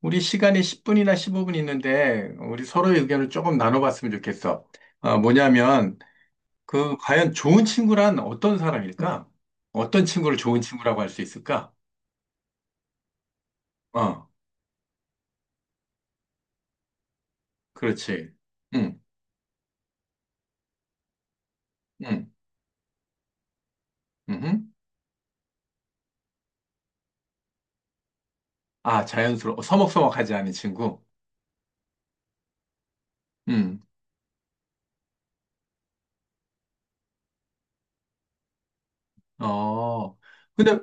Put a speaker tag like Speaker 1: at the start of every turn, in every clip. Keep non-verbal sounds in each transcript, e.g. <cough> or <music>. Speaker 1: 우리 시간이 10분이나 15분 있는데 우리 서로의 의견을 조금 나눠봤으면 좋겠어. 뭐냐면 그 과연 좋은 친구란 어떤 사람일까? 어떤 친구를 좋은 친구라고 할 수 있을까? 어, 그렇지. 응, 응, 응. 아, 자연스러워. 어, 서먹서먹하지 않은 친구. 응. 어. 근데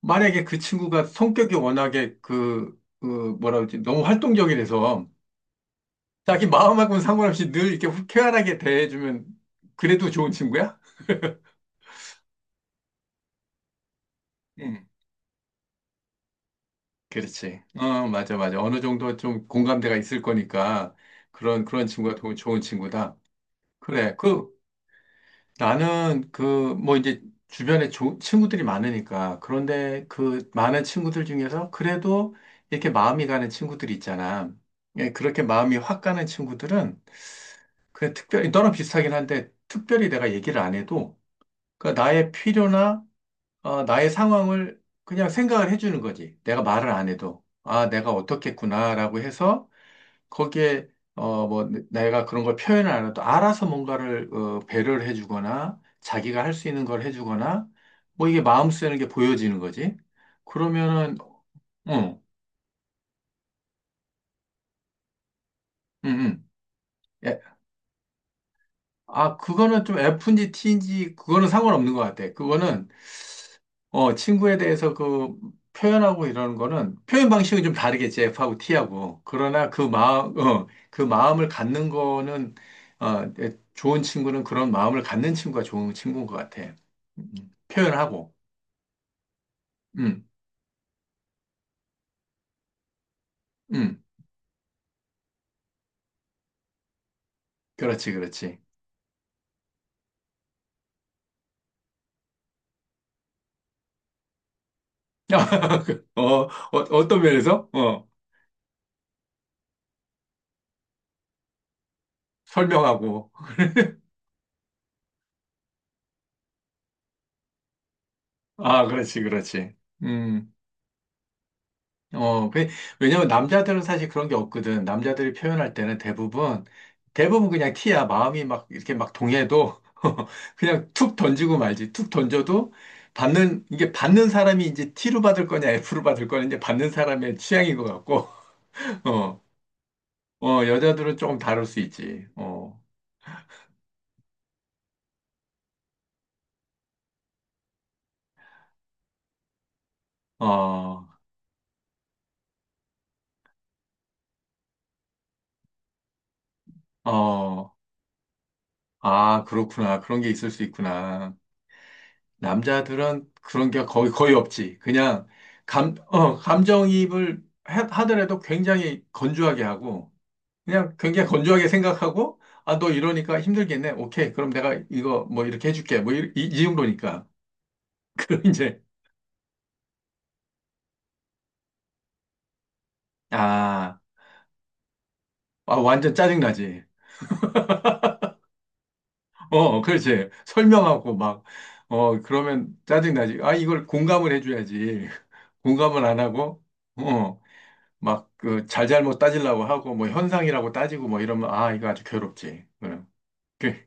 Speaker 1: 만약에 그 친구가 성격이 워낙에 그 뭐라 그러지? 너무 활동적이라서 자기 마음하고는 상관없이 늘 이렇게 쾌활하게 대해주면 그래도 좋은 친구야? 응. 그렇지. 어, 맞아, 맞아. 어느 정도 좀 공감대가 있을 거니까 그런 친구가 더 좋은 친구다. 그래. 그, 나는 그, 뭐 이제 주변에 조, 친구들이 많으니까 그런데 그 많은 친구들 중에서 그래도 이렇게 마음이 가는 친구들이 있잖아. 예, 그렇게 마음이 확 가는 친구들은 그냥 특별히, 너랑 비슷하긴 한데 특별히 내가 얘기를 안 해도 그 나의 필요나 어, 나의 상황을 그냥 생각을 해주는 거지. 내가 말을 안 해도. 아, 내가 어떻겠구나라고 해서 거기에 어 뭐 내가 그런 걸 표현을 안 해도 알아서 뭔가를 어, 배려를 해주거나 자기가 할 수 있는 걸 해주거나 뭐 이게 마음 쓰는 게 보여지는 거지. 그러면은 응, 응, 응. 예. 아 그거는 좀 F인지 T인지 그거는 상관없는 것 같아. 그거는 어, 친구에 대해서 그 표현하고 이러는 거는 표현 방식은 좀 다르겠지, F하고 T하고. 그러나 그 마음, 어, 그 마음을 갖는 거는, 어, 좋은 친구는 그런 마음을 갖는 친구가 좋은 친구인 것 같아. 음, 표현하고. 음, 음, 그렇지, 그렇지. <laughs> 어, 어, 어떤 면에서? 어, 설명하고. 아, 그렇지, 그렇지. 음. 어, 그, 왜냐면 남자들은 사실 그런 게 없거든. 남자들이 표현할 때는 대부분 그냥 티야. 마음이 막 이렇게 막 동해도 <laughs> 그냥 툭 던지고 말지. 툭 던져도 이게 받는 사람이 이제 T로 받을 거냐 F로 받을 거냐 이제 받는 사람의 취향인 것 같고, <laughs> 어, 어, 여자들은 조금 다를 수 있지. 어, 어, 어, 아, 그렇구나. 그런 게 있을 수 있구나. 남자들은 그런 게 거의 없지. 그냥 감, 어, 감정이입을 하더라도 굉장히 건조하게 하고, 그냥 굉장히 건조하게 생각하고, 아, 너 이러니까 힘들겠네. 오케이. 그럼 내가 이거 뭐 이렇게 해줄게. 뭐 이 정도니까. <laughs> 그럼 이제, 아, 아, 완전 짜증나지. 어, 그렇지. 설명하고 막, 어, 그러면 짜증나지. 아, 이걸 공감을 해줘야지. <laughs> 공감을 안 하고, 어. 막 그 잘잘못 따지려고 하고 뭐 현상이라고 따지고 뭐 이러면 아 이거 아주 괴롭지. 그럼 그,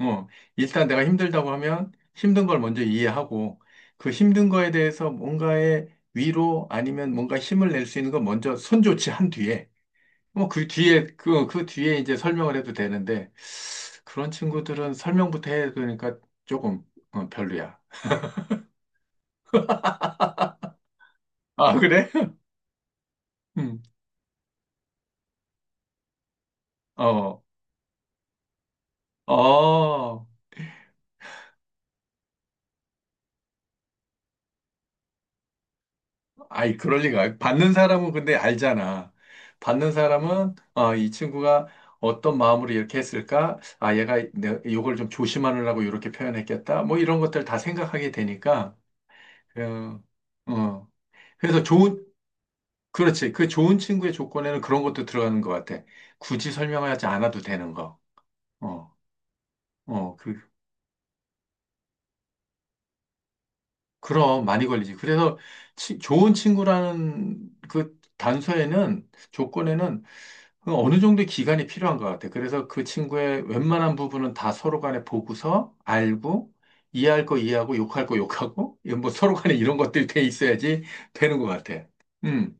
Speaker 1: 어 일단 내가 힘들다고 하면 힘든 걸 먼저 이해하고 그 힘든 거에 대해서 뭔가의 위로 아니면 뭔가 힘을 낼 수 있는 건 먼저 선조치한 뒤에 뭐 그 뒤에 그 뒤에 이제 설명을 해도 되는데 그런 친구들은 설명부터 해야 되니까 조금 어, 별로야. 아 그래? <laughs> 음. 어. 어. 아이, 그럴 리가. 받는 사람은 근데 알잖아. 받는 사람은, 아, 이 친구가 어떤 마음으로 이렇게 했을까? 아, 얘가 내, 이걸 좀 조심하느라고 이렇게 표현했겠다. 뭐 이런 것들 다 생각하게 되니까. 어, 어. 그래서 좋은, 그렇지. 그 좋은 친구의 조건에는 그런 것도 들어가는 것 같아. 굳이 설명하지 않아도 되는 거. 어, 어. 그, 그럼 많이 걸리지. 그래서 좋은 친구라는 그 단서에는 조건에는 그 어느 정도의 기간이 필요한 것 같아. 그래서 그 친구의 웬만한 부분은 다 서로 간에 보고서 알고 이해할 거 이해하고 욕할 거 욕하고 이뭐 서로 간에 이런 것들이 돼 있어야지 되는 것 같아. 음,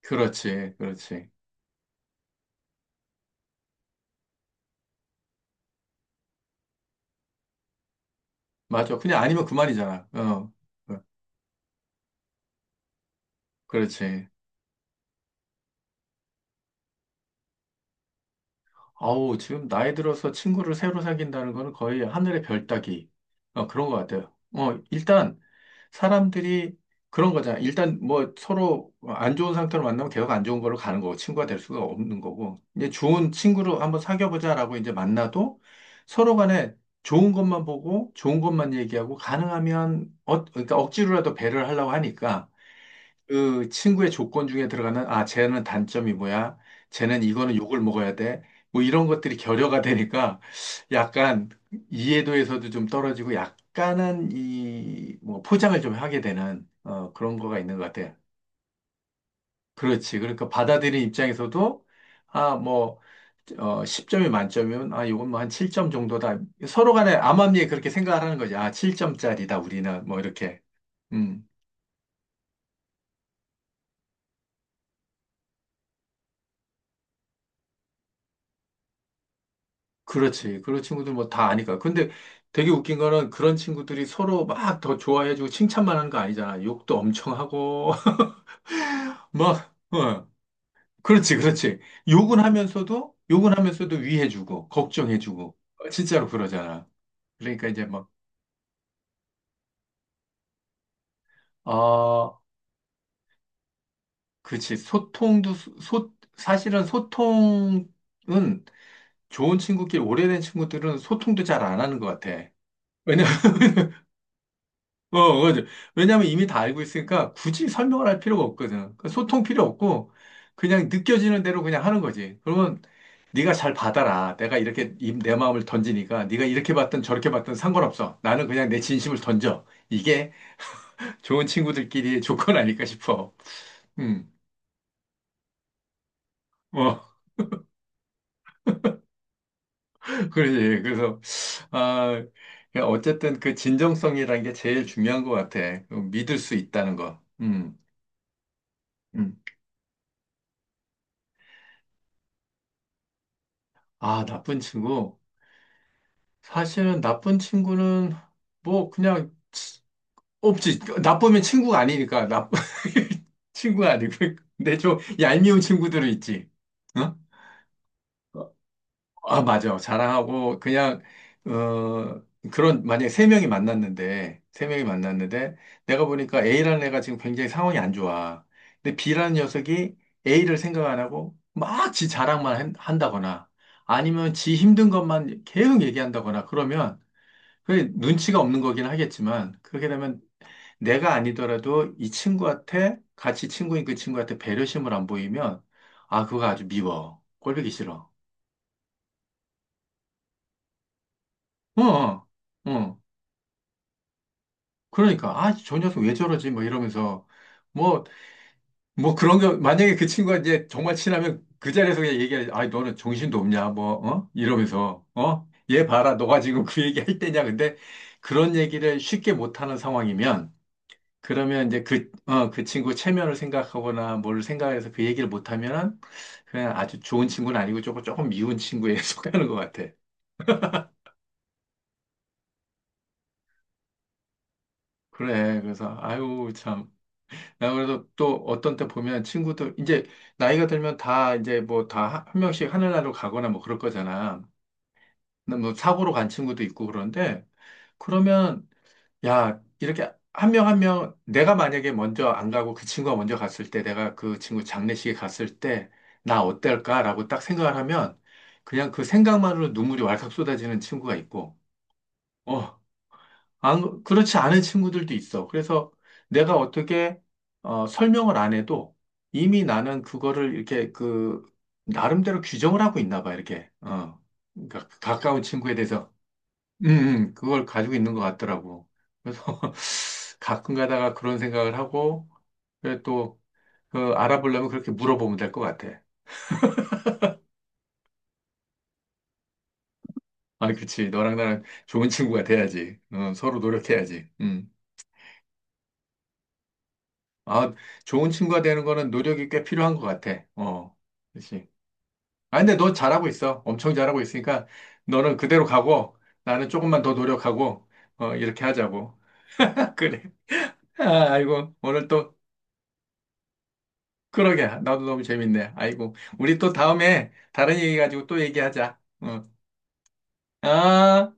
Speaker 1: 그렇지, 그렇지. 맞아. 그냥 아니면 그만이잖아. 어, 어, 그렇지. 아우, 지금 나이 들어서 친구를 새로 사귄다는 거는 거의 하늘의 별 따기. 어, 그런 것 같아요. 어, 일단, 사람들이 그런 거잖아. 일단 뭐 서로 안 좋은 상태로 만나면 계속 안 좋은 걸로 가는 거고, 친구가 될 수가 없는 거고. 이제 좋은 친구로 한번 사귀어보자라고 이제 만나도 서로 간에 좋은 것만 보고, 좋은 것만 얘기하고, 가능하면, 어, 그러니까 억지로라도 배려를 하려고 하니까, 그 친구의 조건 중에 들어가는 아 쟤는 단점이 뭐야 쟤는 이거는 욕을 먹어야 돼 뭐 이런 것들이 결여가 되니까 약간 이해도에서도 좀 떨어지고 약간은 이 뭐 포장을 좀 하게 되는 어 그런 거가 있는 것 같아요. 그렇지. 그러니까 받아들인 입장에서도 아 뭐 어 10점이 만점이면 아 이건 뭐 한 7점 정도다. 서로 간에 암암리에 그렇게 생각을 하는 거지. 아 7점짜리다 우리는 뭐 이렇게. 음. 그렇지. 그런 친구들 뭐 다 아니까. 근데 되게 웃긴 거는 그런 친구들이 서로 막 더 좋아해주고 칭찬만 하는 거 아니잖아. 욕도 엄청 하고, <laughs> 막, 어. 그렇지, 그렇지. 욕은 하면서도 위해주고, 걱정해주고. 어, 진짜로 그러잖아. 그러니까 이제 막, 아, 그렇지. 소통도, 사실은 소통은 좋은 친구끼리, 오래된 친구들은 소통도 잘 안 하는 것 같아. 왜냐면 어, 맞아. 왜냐면 이미 다 알고 있으니까 굳이 설명을 할 필요가 없거든. 그러니까 소통 필요 없고 그냥 느껴지는 대로 그냥 하는 거지. 그러면 네가 잘 받아라. 내가 이렇게 내 마음을 던지니까 네가 이렇게 받든 저렇게 받든 상관없어. 나는 그냥 내 진심을 던져. 이게 <laughs> 좋은 친구들끼리의 조건 아닐까 싶어. 음, 어, <laughs> 그러지. 그래서 아, 그 어쨌든 그 진정성이라는 게 제일 중요한 것 같아. 그 믿을 수 있다는 거. 음. 아, 나쁜 친구. 사실은 나쁜 친구는 뭐 그냥 없지. 나쁘면 친구가 아니니까 나 <laughs> 친구가 아니고 근데 좀 얄미운 친구들은 있지. 어? 아, 맞아. 자랑하고 그냥 어 그런 만약에 세 명이 만났는데 내가 보니까 A라는 애가 지금 굉장히 상황이 안 좋아. 근데 B라는 녀석이 A를 생각 안 하고 막 지 자랑만 한다거나 아니면 지 힘든 것만 계속 얘기한다거나 그러면 그게 눈치가 없는 거긴 하겠지만, 그렇게 되면 내가 아니더라도 이 친구한테, 같이 친구인 그 친구한테 배려심을 안 보이면, 아, 그거 아주 미워. 꼴보기 싫어. 어, 어, 어. 그러니까, 아, 저 녀석 왜 저러지? 뭐 이러면서, 뭐, 뭐 그런 거, 만약에 그 친구가 이제 정말 친하면 그 자리에서 그냥 얘기해. 아, 너는 정신도 없냐? 뭐, 어? 이러면서, 어? 얘 봐라. 너가 지금 그 얘기 할 때냐? 근데 그런 얘기를 쉽게 못하는 상황이면, 그러면 이제 그, 어, 그 친구 체면을 생각하거나 뭘 생각해서 그 얘기를 못하면은 그냥 아주 좋은 친구는 아니고 조금 미운 친구에 <laughs> 속하는 것 같아. 그래. 그래서, 아유, 참. 나 그래서 또 어떤 때 보면 친구들, 이제 나이가 들면 다 이제 뭐 다 한 명씩 하늘나라로 가거나 뭐 그럴 거잖아. 근데 뭐 사고로 간 친구도 있고 그런데 그러면 야, 이렇게 한 명 한 명, 내가 만약에 먼저 안 가고 그 친구가 먼저 갔을 때, 내가 그 친구 장례식에 갔을 때, 나 어떨까라고 딱 생각을 하면, 그냥 그 생각만으로 눈물이 왈칵 쏟아지는 친구가 있고, 어, 안, 그렇지 않은 친구들도 있어. 그래서 내가 어떻게, 어, 설명을 안 해도 이미 나는 그거를 이렇게 그, 나름대로 규정을 하고 있나 봐, 이렇게. 어. 그러니까 가까운 친구에 대해서 그걸 가지고 있는 것 같더라고. 그래서 <laughs> 가끔 가다가 그런 생각을 하고, 그래 또, 그 알아보려면 그렇게 물어보면 될 것 같아. 아, 그치. 너랑 나랑 좋은 친구가 돼야지. 어, 서로 노력해야지. 음. 아, 좋은 친구가 되는 거는 노력이 꽤 필요한 것 같아. 어, 그치. 아, 근데 너 잘하고 있어. 엄청 잘하고 있으니까 너는 그대로 가고 나는 조금만 더 노력하고, 어, 이렇게 하자고. <laughs> 그래. 아, 아이고. 오늘 또 그러게. 나도 너무 재밌네. 아이고. 우리 또 다음에 다른 얘기 가지고 또 얘기하자. 어, 아.